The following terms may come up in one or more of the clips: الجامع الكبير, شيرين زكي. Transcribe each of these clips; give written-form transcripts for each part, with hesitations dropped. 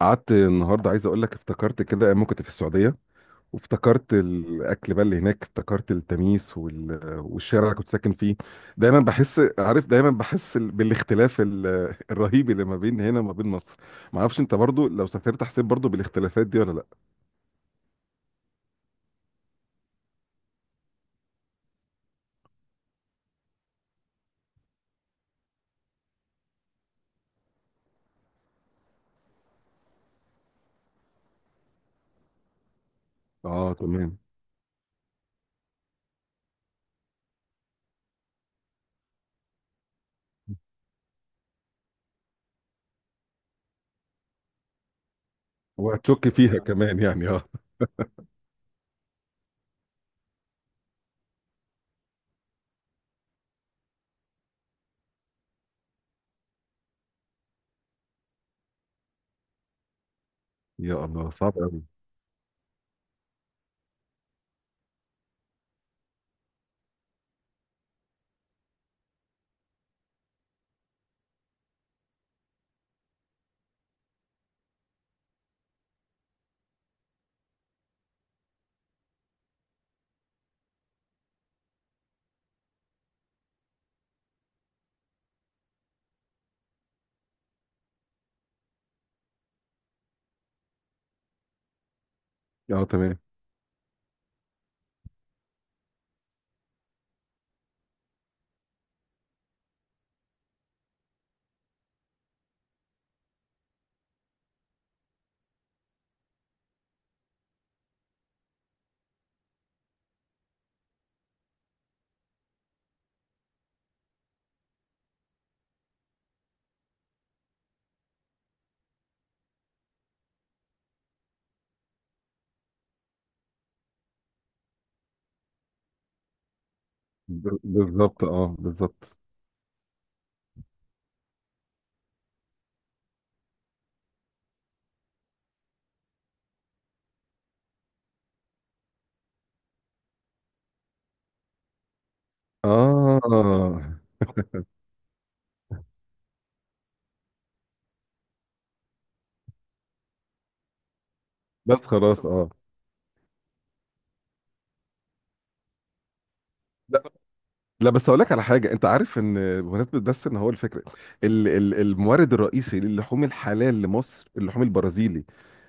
قعدت النهارده، عايز اقول لك افتكرت كده ايام ما كنت في السعوديه. وافتكرت الاكل بقى اللي هناك، افتكرت التميس والشارع اللي كنت ساكن فيه. دايما بحس، عارف، دايما بحس بالاختلاف الرهيب اللي ما بين هنا وما بين مصر. ما اعرفش انت برضو لو سافرت حسيت برضو بالاختلافات دي ولا لا؟ اه، تمام. وهتشك فيها كمان يعني، اه. يا الله، صعب قوي. اه، تمام. بالظبط، اه، بالظبط. اه، بس خلاص، اه. لا، لا، بس اقول لك على حاجه. انت عارف ان، بمناسبه بس، ان هو الفكره المورد الرئيسي للحوم الحلال لمصر اللحوم البرازيلي.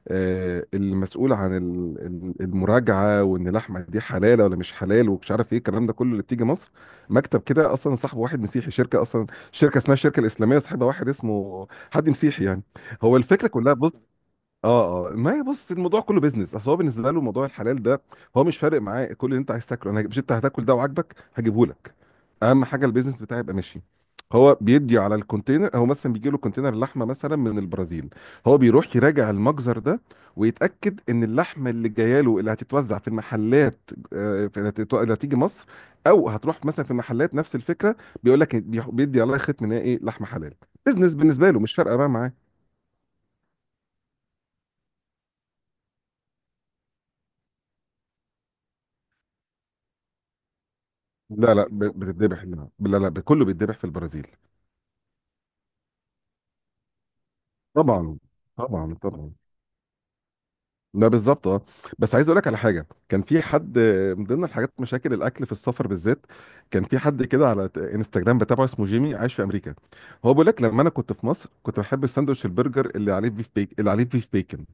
المسؤول عن المراجعه وان اللحمه دي حلال ولا مش حلال، ومش عارف ايه الكلام ده كله، اللي بتيجي مصر. مكتب كده، اصلا صاحب واحد مسيحي، شركه اصلا، شركه اسمها الشركه الاسلاميه، صاحبها واحد اسمه حد مسيحي يعني. هو الفكره كلها، بص. اه، اه، ما هي، بص، الموضوع كله بيزنس. اصل هو بالنسبه له موضوع الحلال ده، هو مش فارق معاه. كل اللي انت عايز تاكله مش، انت هتاكل ده وعاجبك هجيبه لك. اهم حاجه البيزنس بتاعي يبقى ماشي. هو بيدي على الكونتينر، هو مثلا بيجي له كونتينر لحمه مثلا من البرازيل. هو بيروح يراجع المجزر ده، ويتاكد ان اللحمه اللي جايه له اللي هتتوزع في المحلات، اللي هتيجي مصر او هتروح مثلا في محلات، نفس الفكره. بيقول لك، بيدي عليها ختم ان هي ايه، لحمه حلال. بيزنس بالنسبه له، مش فارقه بقى معاه. لا لا، بتتذبح، لا لا لا، كله بيتذبح في البرازيل. طبعا، طبعا، طبعا. لا، بالظبط، اه. بس عايز اقول لك على حاجه، كان في حد من ضمن الحاجات مشاكل الاكل في السفر بالذات. كان في حد كده على انستجرام بتابعه، اسمه جيمي، عايش في امريكا. هو بيقول لك: لما انا كنت في مصر كنت بحب الساندوتش البرجر اللي عليه بيف بيكن.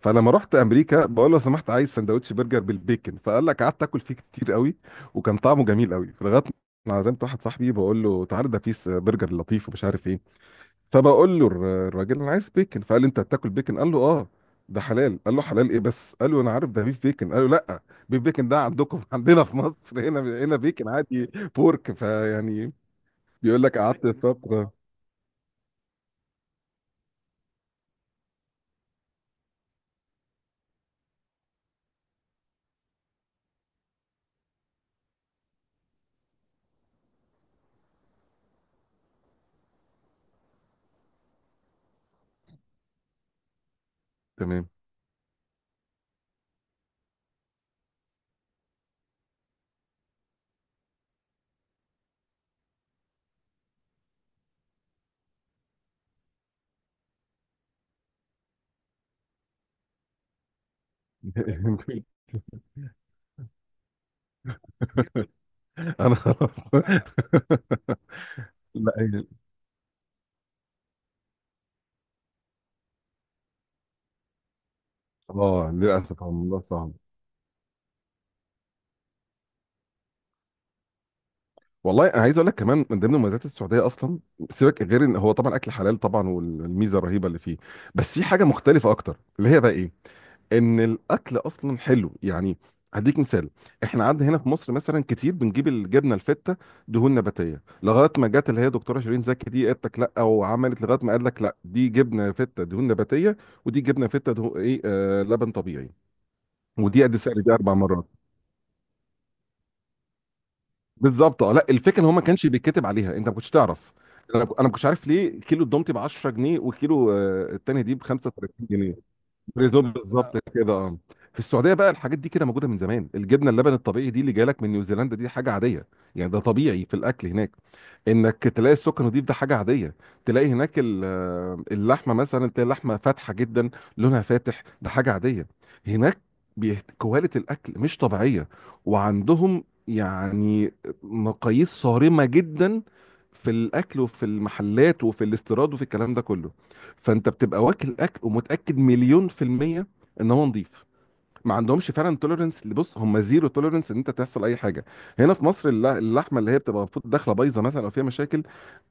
فلما رحت امريكا بقول له: لو سمحت عايز ساندوتش برجر بالبيكن. فقال لك قعدت اكل فيه كتير قوي، وكان طعمه جميل قوي، لغايه ما عزمت واحد صاحبي بقول له: تعالى ده في برجر لطيف ومش عارف ايه. فبقول له الراجل: انا عايز بيكن. فقال لي: انت هتاكل بيكن؟ قال له: اه. ده حلال؟ قال له: حلال ايه بس؟ قال له: انا عارف ده بيف بيكن. قال له: لا، بيف بيكن ده عندكم، عندنا في مصر هنا، بيكن عادي. بورك، فيعني، بيقول لك قعدت فتره. تمام. انا خلاص. لا هي- اه، للاسف الموضوع صعب. والله انا عايز اقول لك كمان، من ضمن مميزات السعوديه اصلا، سيبك غير ان هو طبعا اكل حلال طبعا، والميزه الرهيبه اللي فيه. بس في حاجه مختلفه اكتر، اللي هي بقى ايه؟ ان الاكل اصلا حلو يعني. هديك مثال: احنا عندنا هنا في مصر مثلا كتير بنجيب الجبنه الفته، دهون نباتيه، لغايه ما جت اللي هي دكتوره شيرين زكي دي، قالت لك لا، وعملت لغايه ما قال لك: لا، دي جبنه فته دهون نباتيه، ودي جبنه فته دهون ايه، آه، لبن طبيعي. ودي قد سعر دي 4 مرات. بالظبط، اه. لا، الفكره ان هو ما كانش بيتكتب عليها، انت ما كنتش تعرف. انا ما كنتش عارف ليه كيلو الدومتي ب 10 جنيه وكيلو التاني دي ب 35 جنيه. بريزون، بالظبط كده، اه. في السعوديه بقى الحاجات دي كده موجوده من زمان. الجبنه اللبن الطبيعي دي اللي جايلك من نيوزيلندا، دي حاجه عاديه. يعني ده طبيعي في الاكل هناك. انك تلاقي السكر نضيف، ده حاجه عاديه. تلاقي هناك اللحمه مثلا، تلاقي اللحمه فاتحه جدا، لونها فاتح، ده حاجه عاديه هناك. كواليتي الاكل مش طبيعيه، وعندهم يعني مقاييس صارمه جدا في الاكل وفي المحلات وفي الاستيراد وفي الكلام ده كله. فانت بتبقى واكل اكل ومتاكد مليون في الميه ان هو نظيف. ما عندهمش فعلا توليرنس، اللي بص، هم زيرو توليرنس ان انت تحصل اي حاجه. هنا في مصر اللحمه اللي هي بتبقى المفروض داخله بايظه مثلا او فيها مشاكل،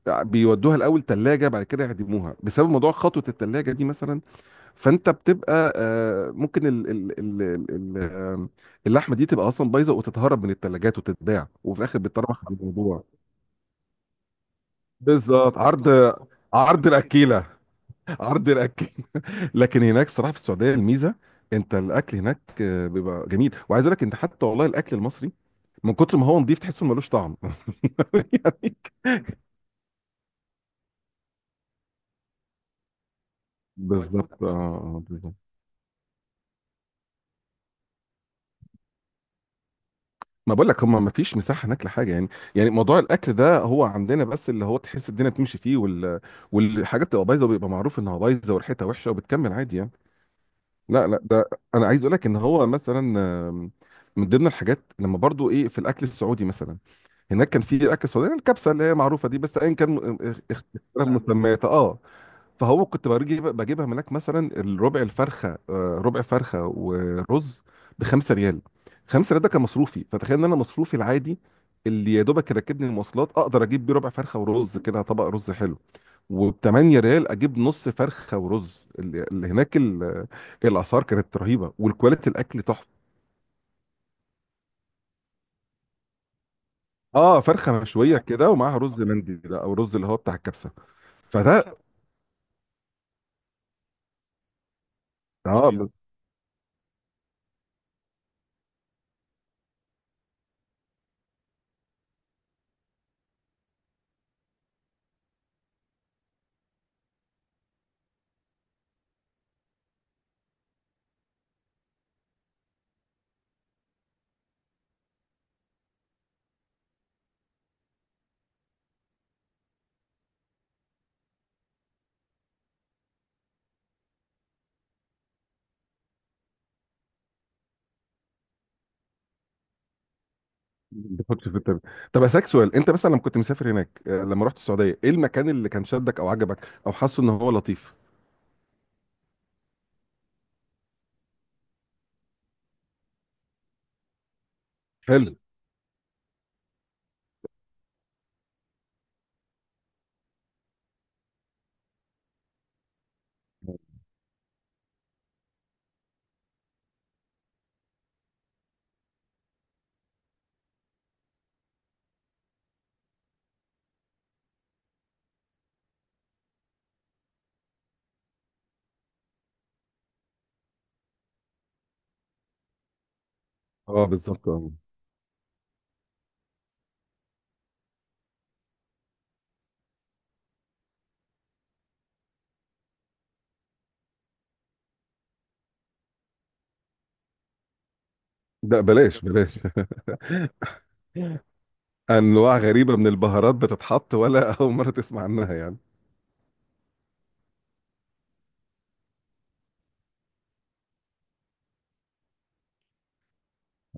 بيودوها الاول ثلاجه، بعد كده يعدموها، بسبب موضوع خطوه الثلاجه دي مثلا. فانت بتبقى ممكن ال ال آه، اللحمه دي تبقى اصلا بايظه وتتهرب من الثلاجات وتتباع، وفي الاخر بتطرح على الموضوع. بالظبط، عرض، عرض الاكيله، عرض الاكل. لكن هناك الصراحه، في السعوديه، الميزه انت الاكل هناك بيبقى جميل. وعايز اقول لك انت، حتى والله الاكل المصري من كتر ما هو نضيف تحسه ملوش طعم. يعني. بالظبط، اه، بالظبط. ما بقول لك هم ما فيش مساحه هناك لحاجه يعني. يعني موضوع الاكل ده هو عندنا بس اللي هو تحس الدنيا بتمشي فيه والحاجات بتبقى بايظه، وبيبقى معروف انها بايظه وريحتها وحشه وبتكمل عادي يعني. لا لا، ده انا عايز اقول لك ان هو مثلا، آم، من ضمن الحاجات لما برضو ايه، في الاكل السعودي مثلا، هناك كان في اكل سعودي الكبسه اللي هي معروفه دي. بس ايا كان اختلاف مسميات، اه. فهو كنت بجيبها من هناك مثلا، الربع الفرخه، ربع فرخه ورز ب 5 ريال. 5 ريال ده كان مصروفي. فتخيل ان انا مصروفي العادي اللي يا دوبك يركبني المواصلات، اقدر اجيب بيه ربع فرخه ورز، كده طبق رز حلو. وب 8 ريال اجيب نص فرخه ورز. اللي هناك الاسعار كانت رهيبه، والكواليتي الاكل تحفه. اه، فرخه مشويه كده ومعاها رز مندي ده، او رز اللي هو بتاع الكبسه. فده، اه، بتحط في التابلت. طب اسالك سؤال، انت مثلا لما كنت مسافر هناك، لما رحت السعوديه، ايه المكان اللي كان شدك او عجبك او حاسه ان هو لطيف؟ حلو، اه، بالظبط، اه. ده بلاش بلاش. انواع غريبه من البهارات بتتحط، ولا اول مره تسمع عنها يعني؟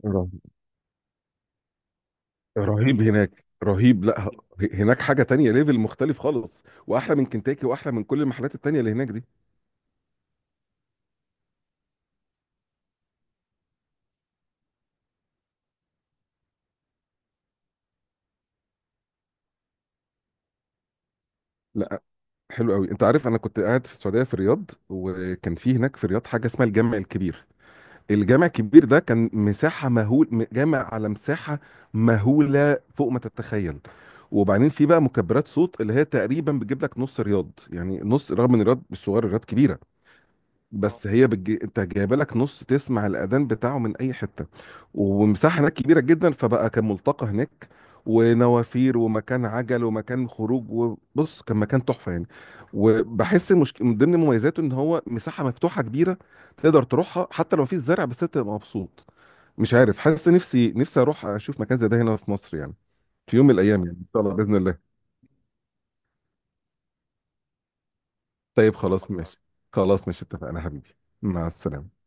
رهيب، رهيب هناك، رهيب. لا ه- هناك حاجه تانية، ليفل مختلف خالص، واحلى من كنتاكي واحلى من كل المحلات التانية اللي هناك دي. لا، حلو قوي. انت عارف، انا كنت قاعد في السعوديه في الرياض، وكان في هناك في الرياض حاجه اسمها الجامع الكبير. الجامع الكبير ده كان مساحة مهول، جامع على مساحة مهولة فوق ما تتخيل. وبعدين في بقى مكبرات صوت اللي هي تقريبا بتجيب لك نص رياض، يعني نص، رغم ان رياض مش صغير، رياض كبيرة. بس هي انت جايبه لك نص، تسمع الاذان بتاعه من اي حته. ومساحه هناك كبيره جدا، فبقى كان ملتقى هناك، ونوافير، ومكان عجل، ومكان خروج. وبص كان مكان تحفه يعني. وبحس مش... من ضمن مميزاته ان هو مساحه مفتوحه كبيره، تقدر تروحها حتى لو مفيش زرع، بس انت تبقى مبسوط. مش عارف، حاسس نفسي اروح اشوف مكان زي ده هنا في مصر يعني، في يوم من الايام، يعني ان شاء الله باذن الله. طيب، خلاص ماشي. خلاص ماشي، اتفقنا حبيبي. مع السلامه.